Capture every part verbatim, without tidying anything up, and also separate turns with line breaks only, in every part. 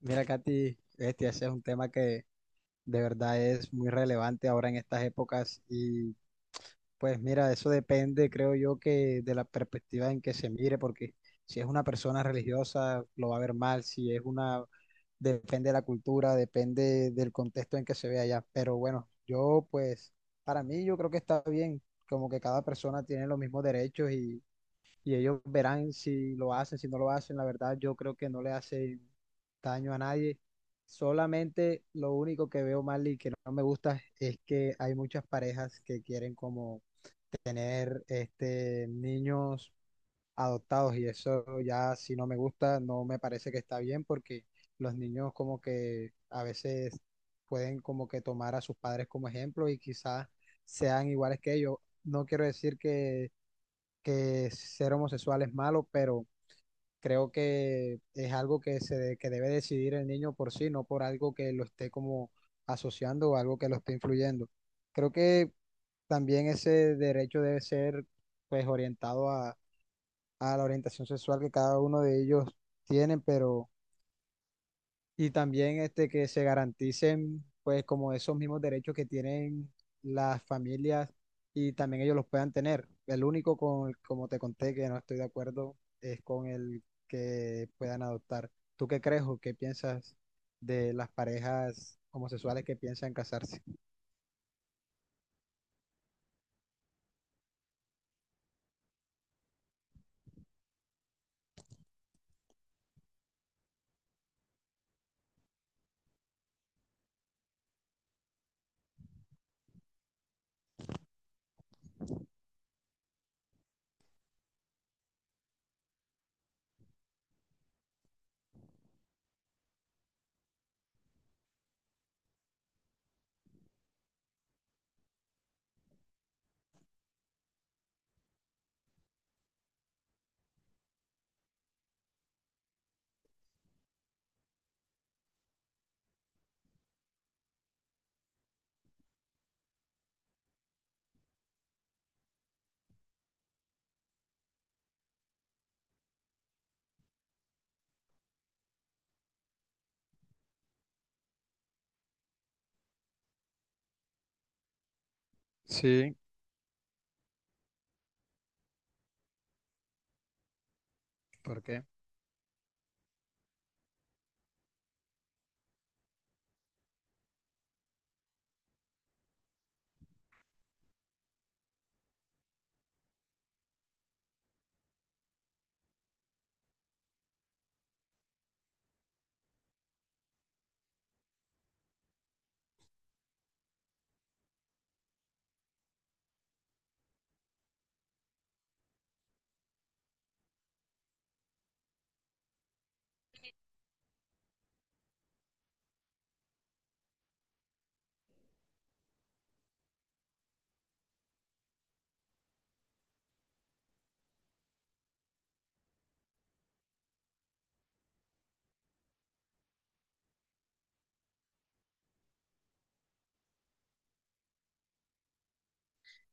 Mira, Katy, este, ese es un tema que de verdad es muy relevante ahora en estas épocas y pues mira, eso depende, creo yo, que de la perspectiva en que se mire, porque si es una persona religiosa lo va a ver mal, si es una, depende de la cultura, depende del contexto en que se vea allá, pero bueno, yo pues, para mí yo creo que está bien, como que cada persona tiene los mismos derechos y ellos verán si lo hacen, si no lo hacen. La verdad, yo creo que no le hace daño a nadie. Solamente lo único que veo mal y que no me gusta es que hay muchas parejas que quieren como tener este, niños adoptados y eso ya si no me gusta, no me parece que está bien porque los niños como que a veces pueden como que tomar a sus padres como ejemplo y quizás sean iguales que ellos. No quiero decir que que ser homosexual es malo, pero creo que es algo que, se de- que debe decidir el niño por sí, no por algo que lo esté como asociando o algo que lo esté influyendo. Creo que también ese derecho debe ser pues orientado a, a la orientación sexual que cada uno de ellos tienen, pero y también este, que se garanticen, pues, como esos mismos derechos que tienen las familias y también ellos los puedan tener. El único con, el- como te conté, que no estoy de acuerdo es con el que puedan adoptar. ¿Tú qué crees o qué piensas de las parejas homosexuales que piensan casarse? Sí, ¿por qué?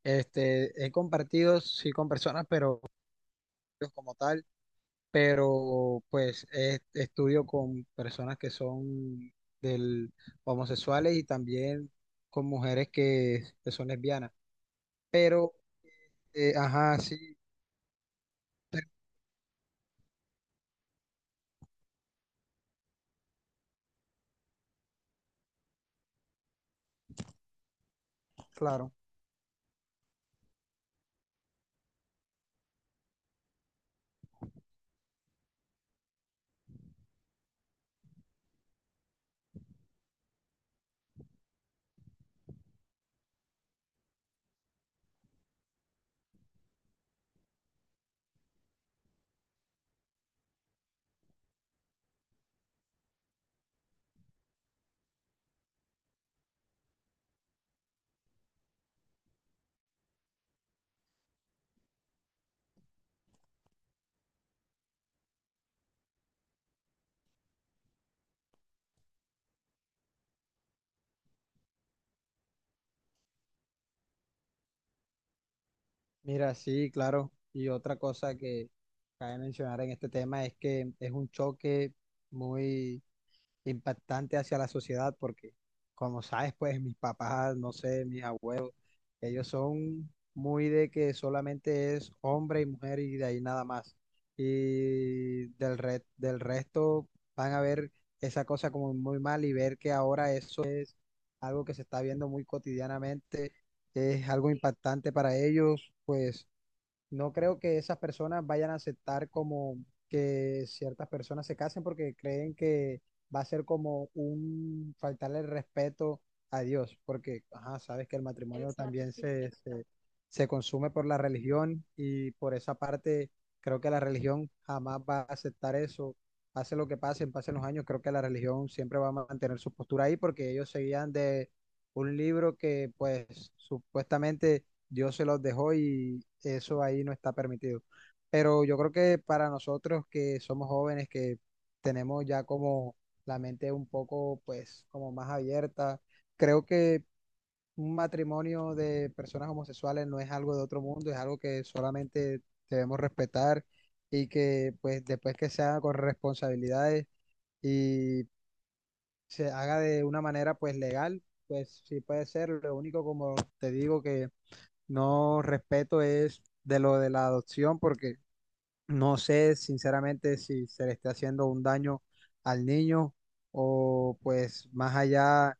Este, he compartido, sí, con personas, pero como tal. Pero pues es- estudio con personas que son del, homosexuales y también con mujeres que, que son lesbianas. Pero, eh, ajá, sí, claro. Mira, sí, claro. Y otra cosa que cabe mencionar en este tema es que es un choque muy impactante hacia la sociedad porque, como sabes, pues mis papás, no sé, mis abuelos. Ellos son muy de que solamente es hombre y mujer y de ahí nada más. Y del, re- del resto van a ver esa cosa como muy mal y ver que ahora eso es algo que se está viendo muy cotidianamente, es algo impactante para ellos, pues no creo que esas personas vayan a aceptar como que ciertas personas se casen porque creen que va a ser como un faltarle el respeto a Dios, porque ajá, sabes que el matrimonio Exacto. también se, se, se consume por la religión y por esa parte creo que la religión jamás va a aceptar eso. Pase lo que pase, pasen los años, creo que la religión siempre va a mantener su postura ahí porque ellos seguían de un libro que pues supuestamente Dios se los dejó y eso ahí no está permitido. Pero yo creo que para nosotros que somos jóvenes, que tenemos ya como la mente un poco, pues, como más abierta, creo que un matrimonio de personas homosexuales no es algo de otro mundo, es algo que solamente debemos respetar y que, pues, después que se haga con responsabilidades y se haga de una manera, pues, legal, pues, sí puede ser. Lo único, como te digo, que no respeto es de lo de la adopción, porque no sé sinceramente si se le está haciendo un daño al niño o pues más allá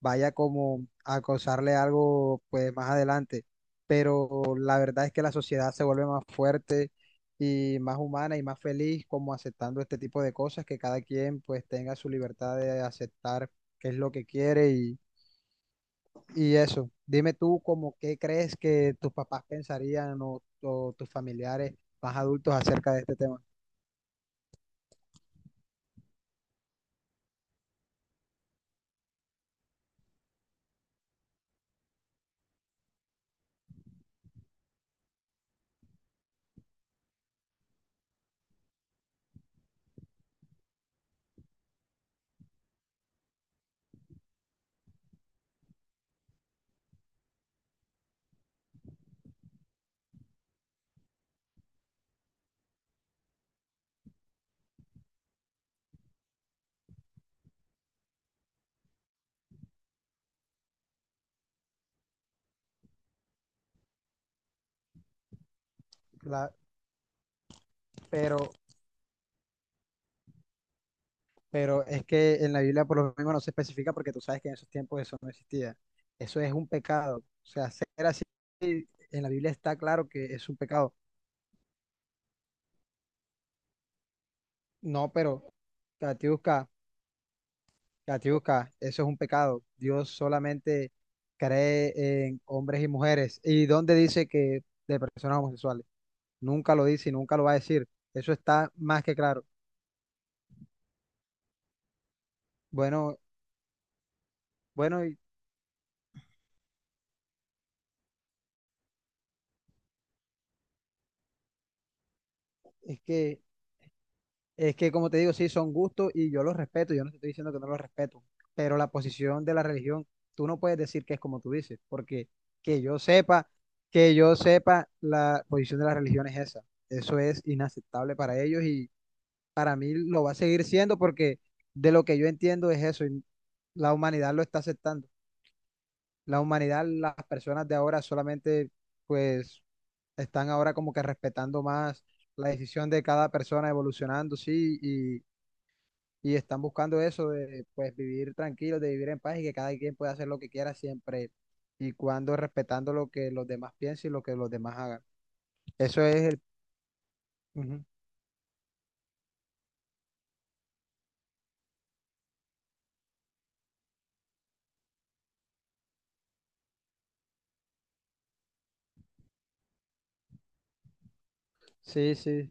vaya como a causarle algo pues más adelante. Pero la verdad es que la sociedad se vuelve más fuerte y más humana y más feliz como aceptando este tipo de cosas, que cada quien pues tenga su libertad de aceptar qué es lo que quiere y y eso, dime tú como qué crees que tus papás pensarían o, o tus familiares más adultos acerca de este tema. La- pero, pero es que en la Biblia por lo menos no se especifica porque tú sabes que en esos tiempos eso no existía. Eso es un pecado. O sea, ser así, en la Biblia está claro que es un pecado. No, pero Catiusca, Catiusca, eso es un pecado. Dios solamente cree en hombres y mujeres. ¿Y dónde dice que de personas homosexuales? Nunca lo dice y nunca lo va a decir. Eso está más que claro. Bueno, bueno, y es que, es que como te digo, sí, son gustos y yo los respeto. Yo no te estoy diciendo que no los respeto, pero la posición de la religión, tú no puedes decir que es como tú dices, porque que yo sepa, que yo sepa, la posición de la religión es esa. Eso es inaceptable para ellos y para mí lo va a seguir siendo porque de lo que yo entiendo es eso y la humanidad lo está aceptando. La humanidad, las personas de ahora solamente pues están ahora como que respetando más la decisión de cada persona evolucionando, sí, y, y están buscando eso de pues vivir tranquilos, de vivir en paz y que cada quien pueda hacer lo que quiera siempre y cuando respetando lo que los demás piensen y lo que los demás hagan. Eso es el... Ujú. Sí, sí.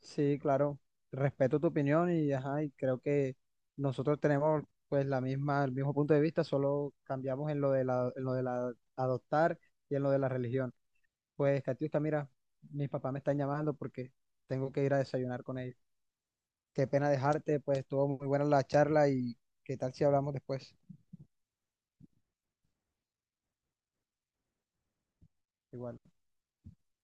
Sí, claro, respeto tu opinión y, ajá, y creo que nosotros tenemos pues la misma, el mismo punto de vista, solo cambiamos en lo de la, en lo de la adoptar y en lo de la religión. Pues, Catiusca, mira, mis papás me están llamando porque tengo que ir a desayunar con ellos. Qué pena dejarte, pues estuvo muy buena la charla y qué tal si hablamos después. Igual.